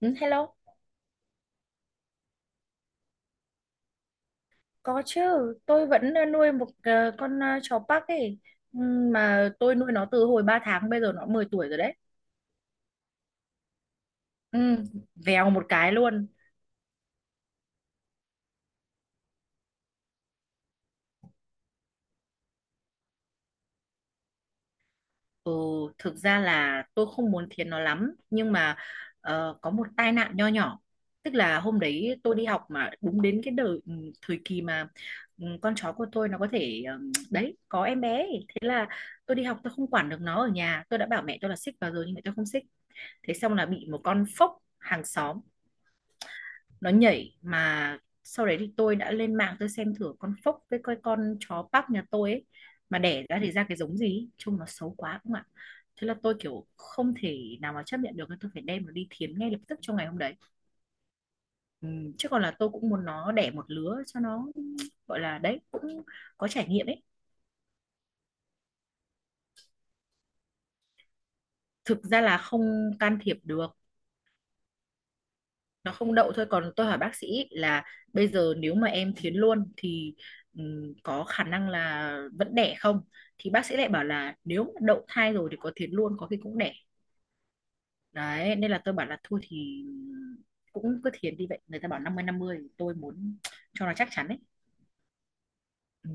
Ừ, hello, có chứ. Tôi vẫn nuôi một con chó Park ấy. Ừ, mà tôi nuôi nó từ hồi 3 tháng, bây giờ nó 10 tuổi rồi đấy. Ừ, vèo một cái luôn. Ừ, thực ra là tôi không muốn thiến nó lắm. Nhưng mà có một tai nạn nho nhỏ. Tức là hôm đấy tôi đi học mà đúng đến cái đời, thời kỳ mà con chó của tôi nó có thể đấy, có em bé ấy. Thế là tôi đi học, tôi không quản được nó ở nhà. Tôi đã bảo mẹ tôi là xích vào rồi nhưng mẹ tôi không xích. Thế xong là bị một con phốc hàng xóm nó nhảy, mà sau đấy thì tôi đã lên mạng tôi xem thử con phốc với cái con chó Park nhà tôi ấy mà đẻ ra thì ra cái giống gì ấy. Trông nó xấu quá không ạ. Thế là tôi kiểu không thể nào mà chấp nhận được, tôi phải đem nó đi thiến ngay lập tức trong ngày hôm đấy. Ừ, chứ còn là tôi cũng muốn nó đẻ một lứa cho nó, gọi là đấy cũng có trải nghiệm ấy. Thực ra là không can thiệp được. Nó không đậu thôi, còn tôi hỏi bác sĩ là bây giờ nếu mà em thiến luôn thì có khả năng là vẫn đẻ không, thì bác sĩ lại bảo là nếu mà đậu thai rồi thì có thiến luôn có khi cũng đẻ. Đấy nên là tôi bảo là thôi thì cũng cứ thiến đi vậy, người ta bảo 50-50, tôi muốn cho nó chắc chắn đấy. Ừ.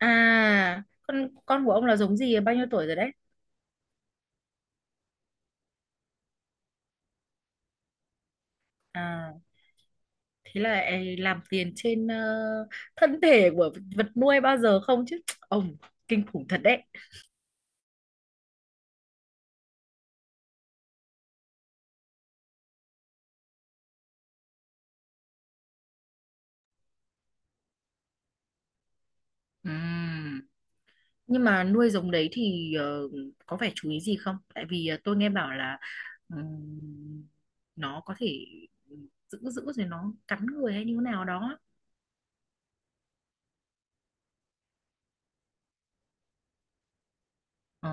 À, con của ông là giống gì, bao nhiêu tuổi rồi đấy? À, thế là ấy làm tiền trên thân thể của vật nuôi bao giờ không chứ ông, kinh khủng thật đấy. Ừm. Nhưng mà nuôi giống đấy thì có phải chú ý gì không? Tại vì tôi nghe bảo là ừm, nó có thể ừ, giữ giữ rồi nó cắn người hay như thế nào đó. Ờ.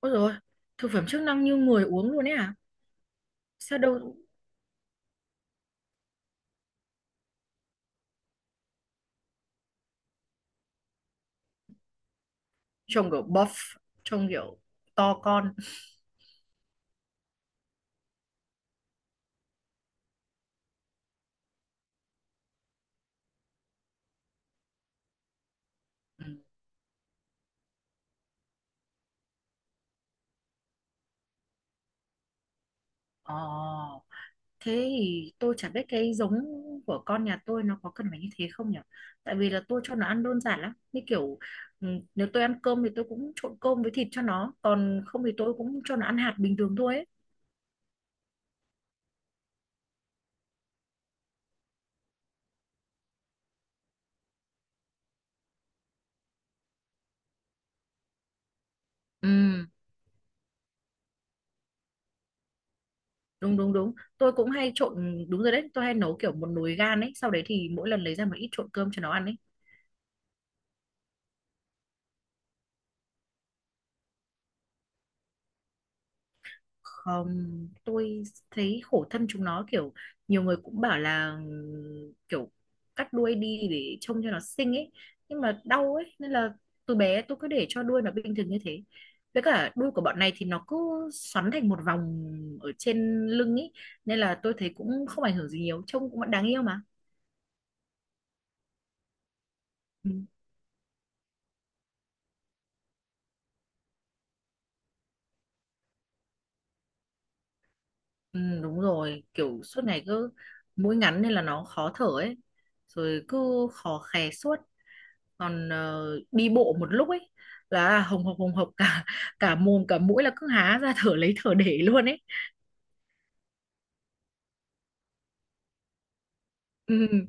Ôi rồi, thực phẩm chức năng như người uống luôn ấy à? Sao đâu, trông kiểu buff, trông kiểu to con. Ừ. Ờ. Thế thì tôi chả biết cái giống của con nhà tôi nó có cần phải như thế không nhỉ? Tại vì là tôi cho nó ăn đơn giản lắm. Như kiểu ừ, nếu tôi ăn cơm thì tôi cũng trộn cơm với thịt cho nó. Còn không thì tôi cũng cho nó ăn hạt bình thường thôi ấy. Ừ, đúng đúng đúng. Tôi cũng hay trộn, đúng rồi đấy. Tôi hay nấu kiểu một nồi gan ấy. Sau đấy thì mỗi lần lấy ra một ít trộn cơm cho nó ăn ấy. Không, tôi thấy khổ thân chúng nó, kiểu nhiều người cũng bảo là kiểu cắt đuôi đi để trông cho nó xinh ấy, nhưng mà đau ấy nên là từ bé tôi cứ để cho đuôi nó bình thường như thế. Với cả đuôi của bọn này thì nó cứ xoắn thành một vòng ở trên lưng ấy, nên là tôi thấy cũng không ảnh hưởng gì nhiều, trông cũng vẫn đáng yêu mà. Ừ. Ừ, đúng rồi, kiểu suốt ngày cứ mũi ngắn nên là nó khó thở ấy, rồi cứ khò khè suốt. Còn đi bộ một lúc ấy là hồng hộc hồng hộc, cả cả mồm cả mũi là cứ há ra thở lấy thở để luôn ấy. Ừ,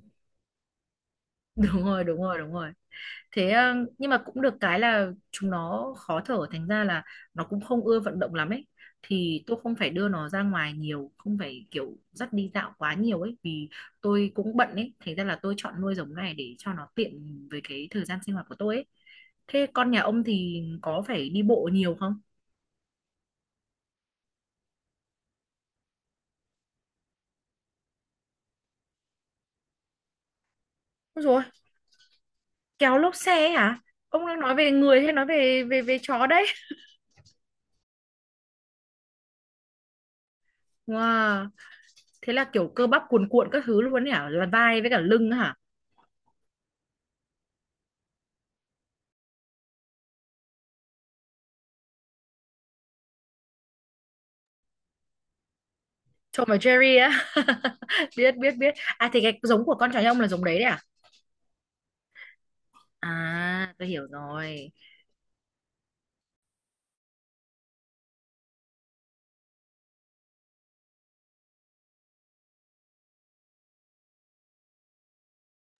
đúng rồi đúng rồi đúng rồi. Thế nhưng mà cũng được cái là chúng nó khó thở thành ra là nó cũng không ưa vận động lắm ấy, thì tôi không phải đưa nó ra ngoài nhiều, không phải kiểu dắt đi dạo quá nhiều ấy, vì tôi cũng bận ấy, thành ra là tôi chọn nuôi giống này để cho nó tiện với cái thời gian sinh hoạt của tôi ấy. Thế con nhà ông thì có phải đi bộ nhiều không? Ôi, kéo lốp xe ấy hả? Ông đang nói về người hay nói về về về chó đấy? Wow, thế là kiểu cơ bắp cuồn cuộn các thứ luôn ấy hả? Là vai với cả lưng hả? Tom và Jerry á. Biết biết biết. À thì cái giống của con chó nhà ông là giống đấy đấy à? À, tôi hiểu rồi.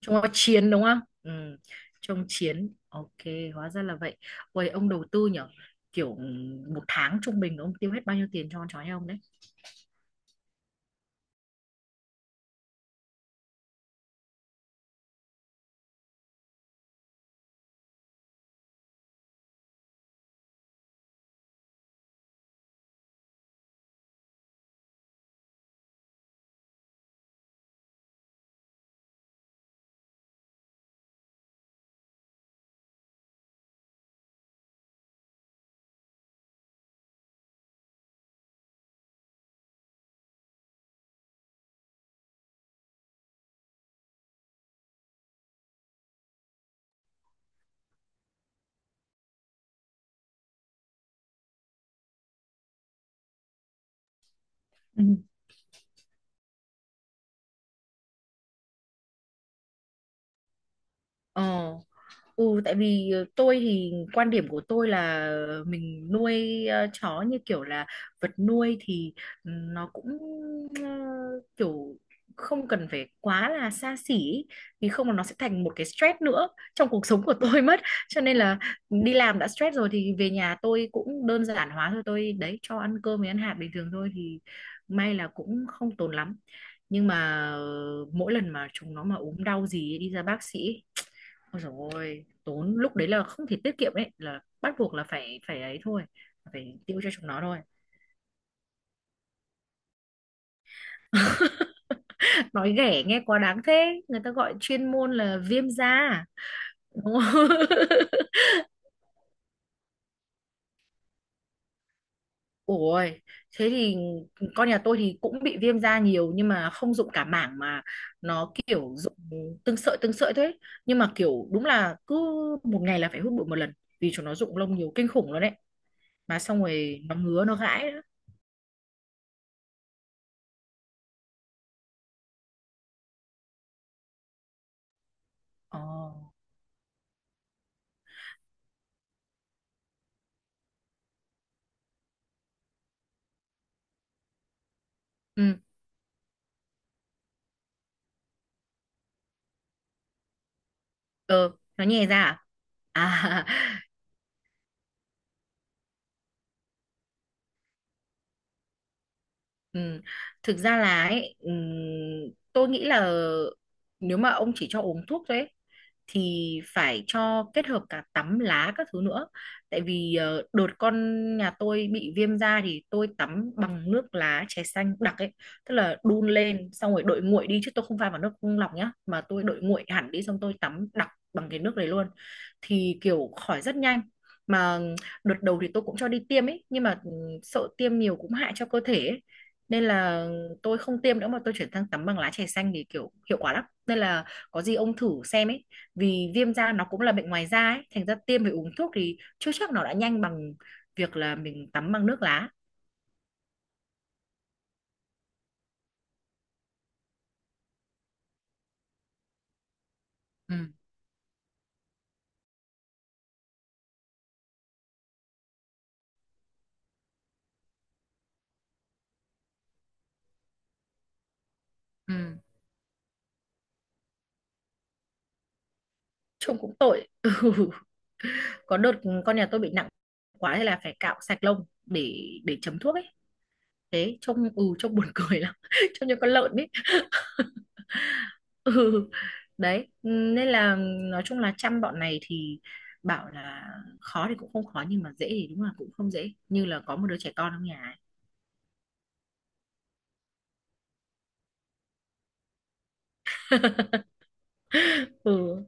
Trông nó chiến đúng không? Ừ, trông chiến. Ok, hóa ra là vậy. Ôi, ông đầu tư nhở? Kiểu một tháng trung bình ông tiêu hết bao nhiêu tiền cho con chó nhà ông đấy? Ừ. Ờ. Ừ, tại vì tôi thì quan điểm của tôi là mình nuôi chó như kiểu là vật nuôi, thì nó cũng ờ, kiểu không cần phải quá là xa xỉ ý. Vì không là nó sẽ thành một cái stress nữa trong cuộc sống của tôi mất, cho nên là đi làm đã stress rồi thì về nhà tôi cũng đơn giản hóa thôi, tôi đấy cho ăn cơm với ăn hạt bình thường thôi thì may là cũng không tốn lắm. Nhưng mà mỗi lần mà chúng nó mà ốm đau gì ấy, đi ra bác sĩ. Ôi dồi ôi, tốn lúc đấy là không thể tiết kiệm, đấy là bắt buộc là phải phải ấy thôi, phải tiêu cho chúng nó thôi. Nói ghẻ nghe quá đáng thế, người ta gọi chuyên môn là viêm da, đúng không? Ôi, thế thì con nhà tôi thì cũng bị viêm da nhiều nhưng mà không dụng cả mảng, mà nó kiểu dụng từng sợi thế. Nhưng mà kiểu đúng là cứ một ngày là phải hút bụi một lần vì chúng nó dụng lông nhiều kinh khủng luôn đấy. Mà xong rồi nó ngứa nó gãi nữa. Ồ. Ừ. Ừ, nó nhè ra. À, à. Ừ. Thực ra là ấy, tôi nghĩ là nếu mà ông chỉ cho uống thuốc thôi ấy, thì phải cho kết hợp cả tắm lá các thứ nữa. Tại vì đợt con nhà tôi bị viêm da thì tôi tắm bằng nước lá chè xanh đặc ấy, tức là đun lên xong rồi đợi nguội đi chứ tôi không pha vào nước lọc nhá, mà tôi đợi nguội hẳn đi xong tôi tắm đặc bằng cái nước đấy luôn. Thì kiểu khỏi rất nhanh. Mà đợt đầu thì tôi cũng cho đi tiêm ấy nhưng mà sợ tiêm nhiều cũng hại cho cơ thể ấy, nên là tôi không tiêm nữa mà tôi chuyển sang tắm bằng lá chè xanh thì kiểu hiệu quả lắm, nên là có gì ông thử xem ấy, vì viêm da nó cũng là bệnh ngoài da ấy, thành ra tiêm với uống thuốc thì chưa chắc nó đã nhanh bằng việc là mình tắm bằng nước lá. Ừ ừ, trông cũng tội. Ừ. Có đợt con nhà tôi bị nặng quá hay là phải cạo sạch lông để chấm thuốc ấy, thế trông trông buồn cười lắm trông như con lợn ấy. Ừ, đấy nên là nói chung là chăm bọn này thì bảo là khó thì cũng không khó nhưng mà dễ thì đúng là cũng không dễ như là có một đứa trẻ con trong nhà ấy. Ừ.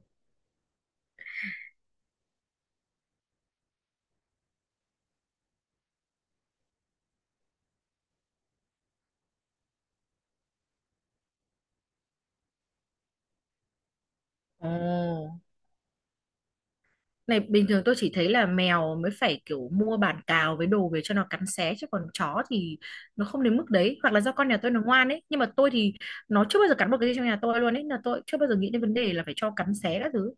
Ồ, này bình thường tôi chỉ thấy là mèo mới phải kiểu mua bàn cào với đồ về cho nó cắn xé chứ còn chó thì nó không đến mức đấy, hoặc là do con nhà tôi nó ngoan ấy, nhưng mà tôi thì nó chưa bao giờ cắn một cái gì trong nhà tôi luôn ấy, là tôi chưa bao giờ nghĩ đến vấn đề là phải cho cắn xé các thứ.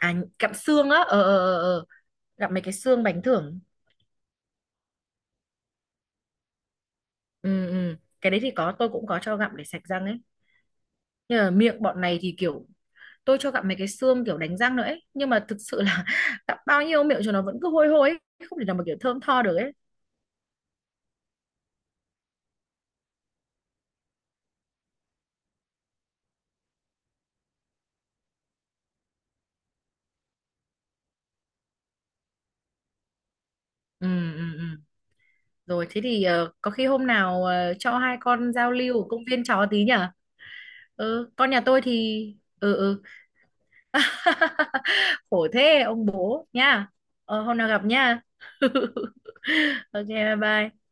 À, cặm xương á, ờ ờ ờ ờ. Gặp mấy cái xương bánh thưởng. Ừ, ừ. Cái đấy thì có, tôi cũng có cho gặm để sạch răng ấy, nhưng mà miệng bọn này thì kiểu tôi cho gặm mấy cái xương kiểu đánh răng nữa ấy nhưng mà thực sự là gặm bao nhiêu miệng cho nó vẫn cứ hôi hôi ấy. Không thể nào mà kiểu thơm tho được ấy. Ừ, ừ, ừ. Rồi thế thì có khi hôm nào cho hai con giao lưu ở công viên chó tí nhở. Ừ, con nhà tôi thì ừ ừ khổ thế ông bố nha. Ờ, hôm nào gặp nha. Ok, bye bye.